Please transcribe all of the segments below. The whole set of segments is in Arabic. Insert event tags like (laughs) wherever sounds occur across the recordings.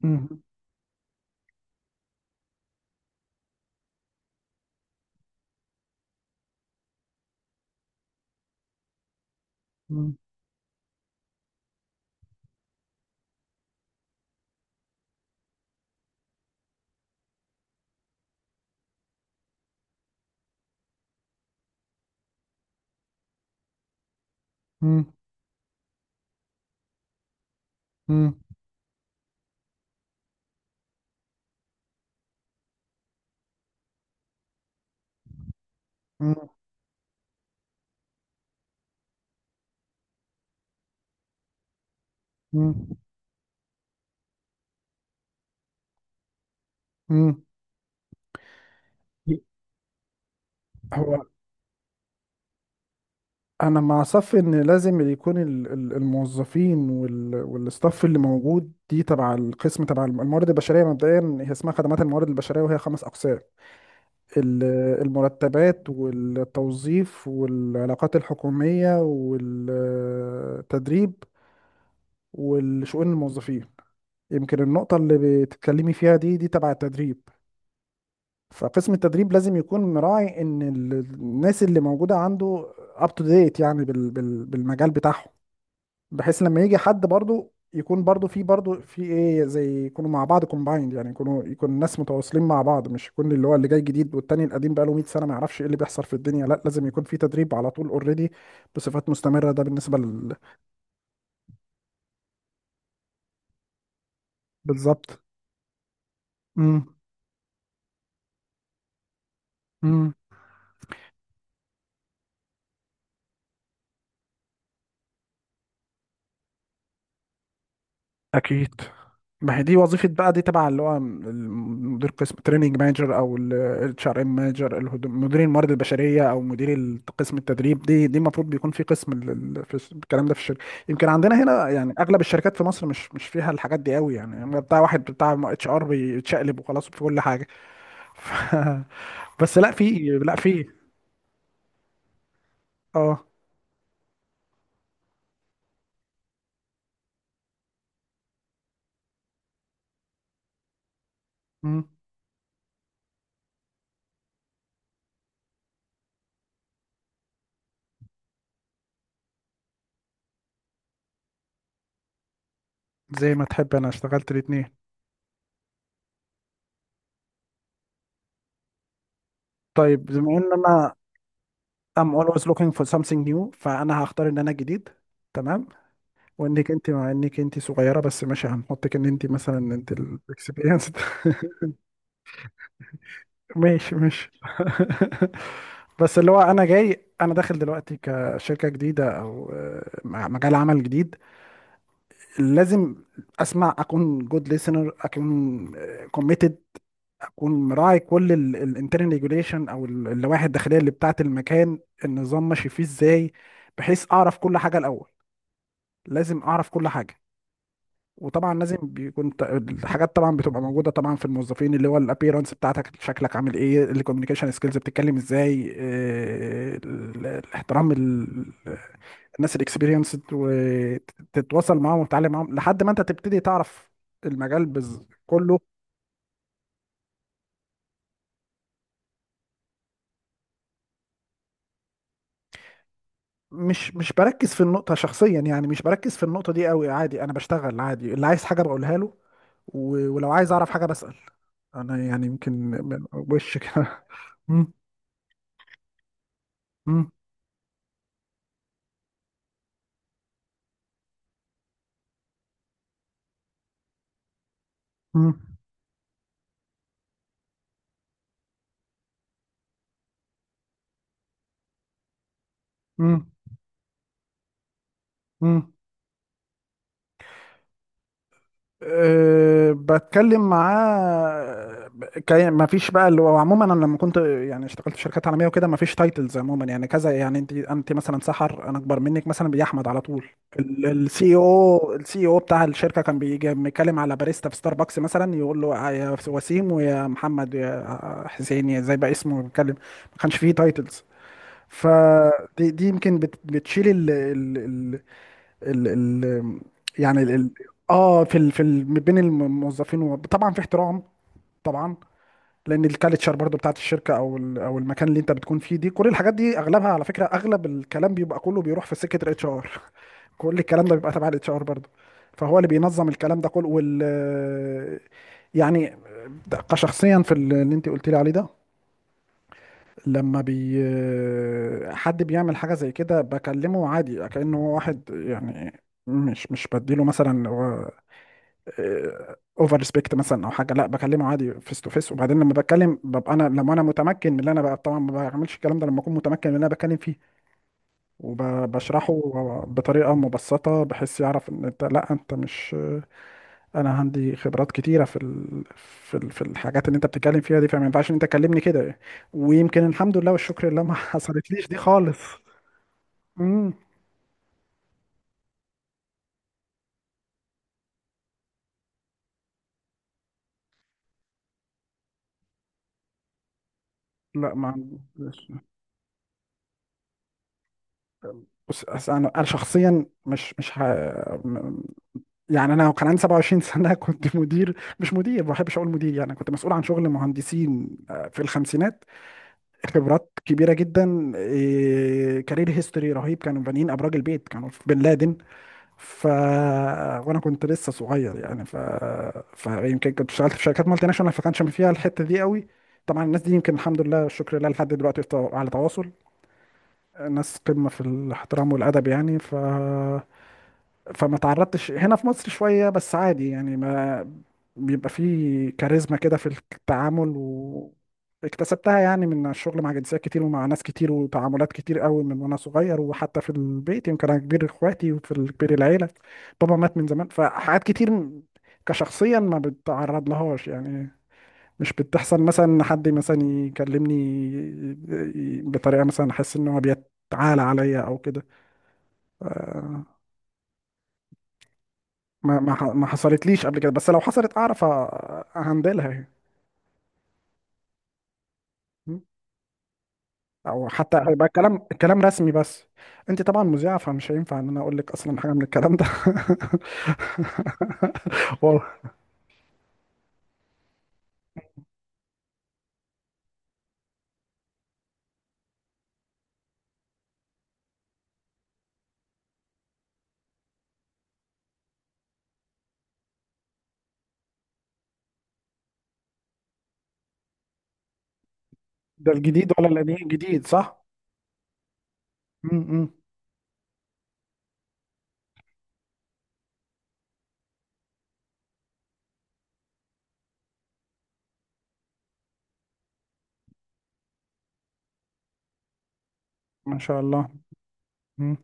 مم. مم. مم. مم. مم. مم. مم. هو انا مع صف ان لازم اللي يكون الموظفين والستاف اللي موجود دي تبع القسم تبع الموارد البشريه. مبدئيا هي اسمها خدمات الموارد البشريه، وهي خمس اقسام: ال- المرتبات، والتوظيف، والعلاقات الحكوميه، والتدريب، والشؤون الموظفين. يمكن النقطه اللي بتتكلمي فيها دي تبع التدريب. فقسم التدريب لازم يكون مراعي ان الناس اللي موجوده عنده اب تو ديت يعني بالمجال بتاعهم، بحيث لما يجي حد برضو يكون برضو في برضو في ايه زي يكونوا مع بعض كومبايند، يعني يكونوا يكون الناس متواصلين مع بعض، مش يكون اللي هو اللي جاي جديد والتاني القديم بقاله 100 سنه ما يعرفش ايه اللي بيحصل في الدنيا. لا، لازم يكون في تدريب على طول اوريدي بصفات مستمره. ده بالنسبه لل بالظبط. امم امم اكيد. ما هي دي وظيفة بقى، دي تبع اللي هو مدير قسم تريننج مانجر، او الاتش ار ام مانجر، مدير الموارد البشرية، او مدير قسم التدريب. دي المفروض بيكون في قسم الكلام ده في الشركة. يمكن عندنا هنا يعني اغلب الشركات في مصر مش فيها الحاجات دي قوي، يعني هو بتاع واحد بتاع اتش ار بيتشقلب وخلاص في كل حاجة. (laughs) ف... بس لا في، لا في، اه. مم. زي ما تحب، انا اشتغلت الاتنين. طيب بما ان انا I'm always looking for something new، فانا هختار ان انا جديد. تمام. وانك انت مع انك انت صغيره بس ماشي هنحطك ان انت مثلا انت الاكسبيرينس. (laughs) ماشي ماشي. (laughs) بس اللي هو انا جاي، انا داخل دلوقتي كشركه جديده او مع مجال عمل جديد، لازم اسمع، اكون جود ليسنر، اكون كوميتد، اكون مراعي كل الانترنال ريجوليشن او اللوائح الداخليه اللي بتاعه المكان، النظام ماشي فيه ازاي، بحيث اعرف كل حاجه الاول. لازم اعرف كل حاجه. وطبعا لازم بيكون الحاجات طبعا بتبقى موجوده، طبعا في الموظفين اللي هو الابيرنس بتاعتك، شكلك عامل ايه، الكوميونيكيشن سكيلز بتتكلم ازاي، الاحترام الناس الاكسبيرينس، وتتواصل معاهم وتتعلم معاهم لحد ما انت تبتدي تعرف المجال كله. مش بركز في النقطه شخصيا، يعني مش بركز في النقطه دي قوي، عادي. انا بشتغل عادي، اللي عايز حاجه بقولها له، ولو عايز اعرف حاجه بسأل. انا يعني يمكن من وش كده. (laughs) مم، مم، مم، مم. مم. أه، بتكلم معاه. ما فيش بقى اللي هو، عموما انا لما كنت يعني اشتغلت في شركات عالميه وكده ما فيش تايتلز. عموما يعني كذا، يعني انت مثلا سحر، انا اكبر منك مثلا، بيجي احمد على طول. السي او بتاع الشركه كان بيجي بيتكلم على باريستا في ستاربكس مثلا، يقول له يا وسيم، ويا محمد، يا حسين، يا زي بقى اسمه بيتكلم، ما كانش فيه تايتلز. فدي يمكن بتشيل ال ال يعني ال ال اه، في ال بين الموظفين طبعا في احترام، طبعا. لان الكالتشر برضو بتاعت الشركه، او ال او المكان اللي انت بتكون فيه دي، كل الحاجات دي اغلبها على فكره اغلب الكلام بيبقى كله بيروح في سكه الاتش ار. (laughs) كل الكلام ده بيبقى تبع الاتش ار برضو، فهو اللي بينظم الكلام ده كله وال يعني. كشخصيا في اللي انت قلت لي عليه ده، لما حد بيعمل حاجة زي كده بكلمه عادي كأنه هو واحد، يعني مش بديله مثلا اوفر ريسبكت مثلا او حاجه، لا بكلمه عادي فيس تو فيس. وبعدين لما بتكلم ببقى انا لما انا متمكن من اللي انا بقى، طبعا ما بعملش الكلام ده لما اكون متمكن من اللي انا بتكلم فيه وبشرحه بطريقه مبسطه، بحيث يعرف ان انت، لا انت مش، انا عندي خبرات كتيره في الحاجات اللي انت بتتكلم فيها دي، فما ينفعش ان انت تكلمني كده. ويمكن الحمد لله والشكر لله ما (laughs) حصلتليش دي خالص. امم لا، ما عنديش. بص، أصل انا شخصيا مش م- يعني انا كان عندي 27 سنه (laughs) كنت مدير، مش مدير، ما بحبش اقول مدير، يعني كنت مسؤول عن شغل مهندسين في الخمسينات، خبرات كبيره جدا إيه، كارير هيستوري رهيب. كانوا بانيين ابراج البيت، كانوا في بن لادن، ف وانا كنت لسه صغير يعني. فيمكن كنت اشتغلت في شركات مالتي ناشونال فكانش فيها الحته دي قوي. طبعا الناس دي يمكن الحمد لله شكر لله لحد دلوقتي في على تواصل، ناس قمه في الاحترام والادب يعني. فما تعرضتش هنا في مصر، شوية بس عادي يعني، ما بيبقى فيه كاريزما كده في التعامل واكتسبتها يعني من الشغل مع جنسيات كتير، ومع ناس كتير، وتعاملات كتير قوي من وانا صغير، وحتى في البيت يمكن انا كبير اخواتي وفي كبير العيلة، بابا مات من زمان، فحاجات كتير كشخصيا ما بتعرض لهاش يعني. مش بتحصل مثلا ان حد مثلا يكلمني بطريقة مثلا احس ان هو بيتعالى عليا او كده آه ما حصلتليش قبل كده، بس لو حصلت اعرف اهندلها يعني. م? او حتى هيبقى الكلام رسمي بس. انت طبعا مذيعه، فمش هينفع ان انا اقول لك اصلا حاجه من الكلام ده. (laughs) والله. ده الجديد ولا القديم؟ الجديد، صح. م- م. ما شاء الله. م-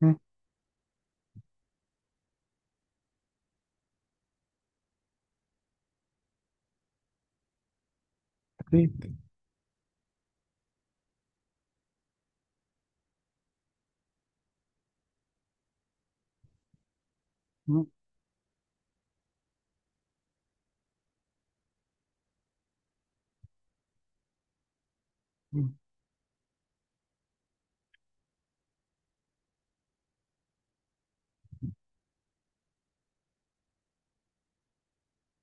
م. اكيد. م- م-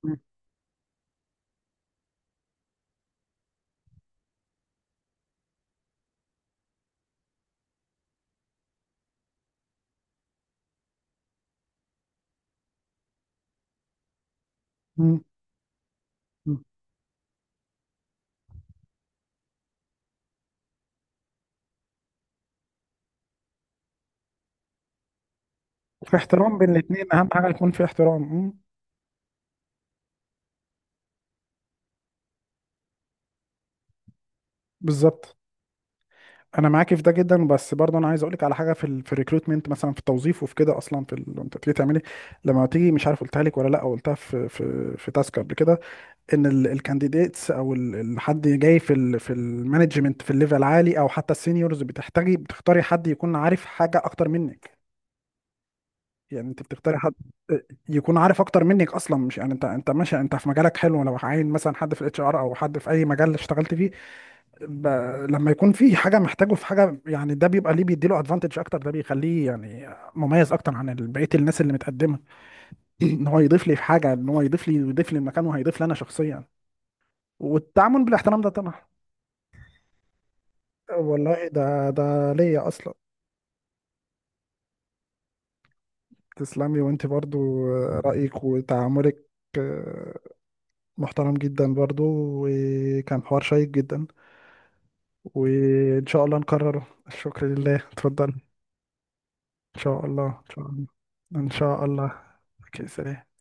م- م- م. في احترام بين الاثنين، اهم حاجه يكون في احترام. م. بالظبط. انا معاكي في ده جدا، بس برضه انا عايز اقول لك على حاجه في ال في الريكروتمنت مثلا، في التوظيف وفي كده، اصلا انت بتيجي تعملي، لما تيجي مش عارف قلتها لك ولا لا، أو قلتها في تاسك قبل كده، ان الكانديديتس او حد جاي في ال في المانجمنت في الليفل عالي، او حتى السينيورز، بتحتاجي بتختاري حد يكون عارف حاجه اكتر منك. يعني انت بتختاري حد آه، يكون عارف اكتر منك اصلا، مش يعني انت، ماشي انت في مجالك حلو، لو عاين مثلا حد في الاتش ار او حد في اي مجال اشتغلت فيه ب... لما يكون في حاجه محتاجه في حاجه يعني، ده بيبقى ليه، بيديله ادفانتج اكتر، ده بيخليه يعني مميز اكتر عن بقيه الناس اللي متقدمه. (clears throat) ان هو يضيف لي في حاجه، ان هو يضيف لي ويضيف لي المكان وهيضيف لي انا شخصيا، والتعامل بالاحترام ده طبعا. والله، ده ليا اصلا. تسلمي، وانت برضو رأيك وتعاملك آه، محترم جدا برضو، وكان حوار شيق جدا، وان شاء الله نكرره. الشكر لله. اتفضل. ان شاء الله. ان شاء الله. ان شاء الله. اوكي. سلام.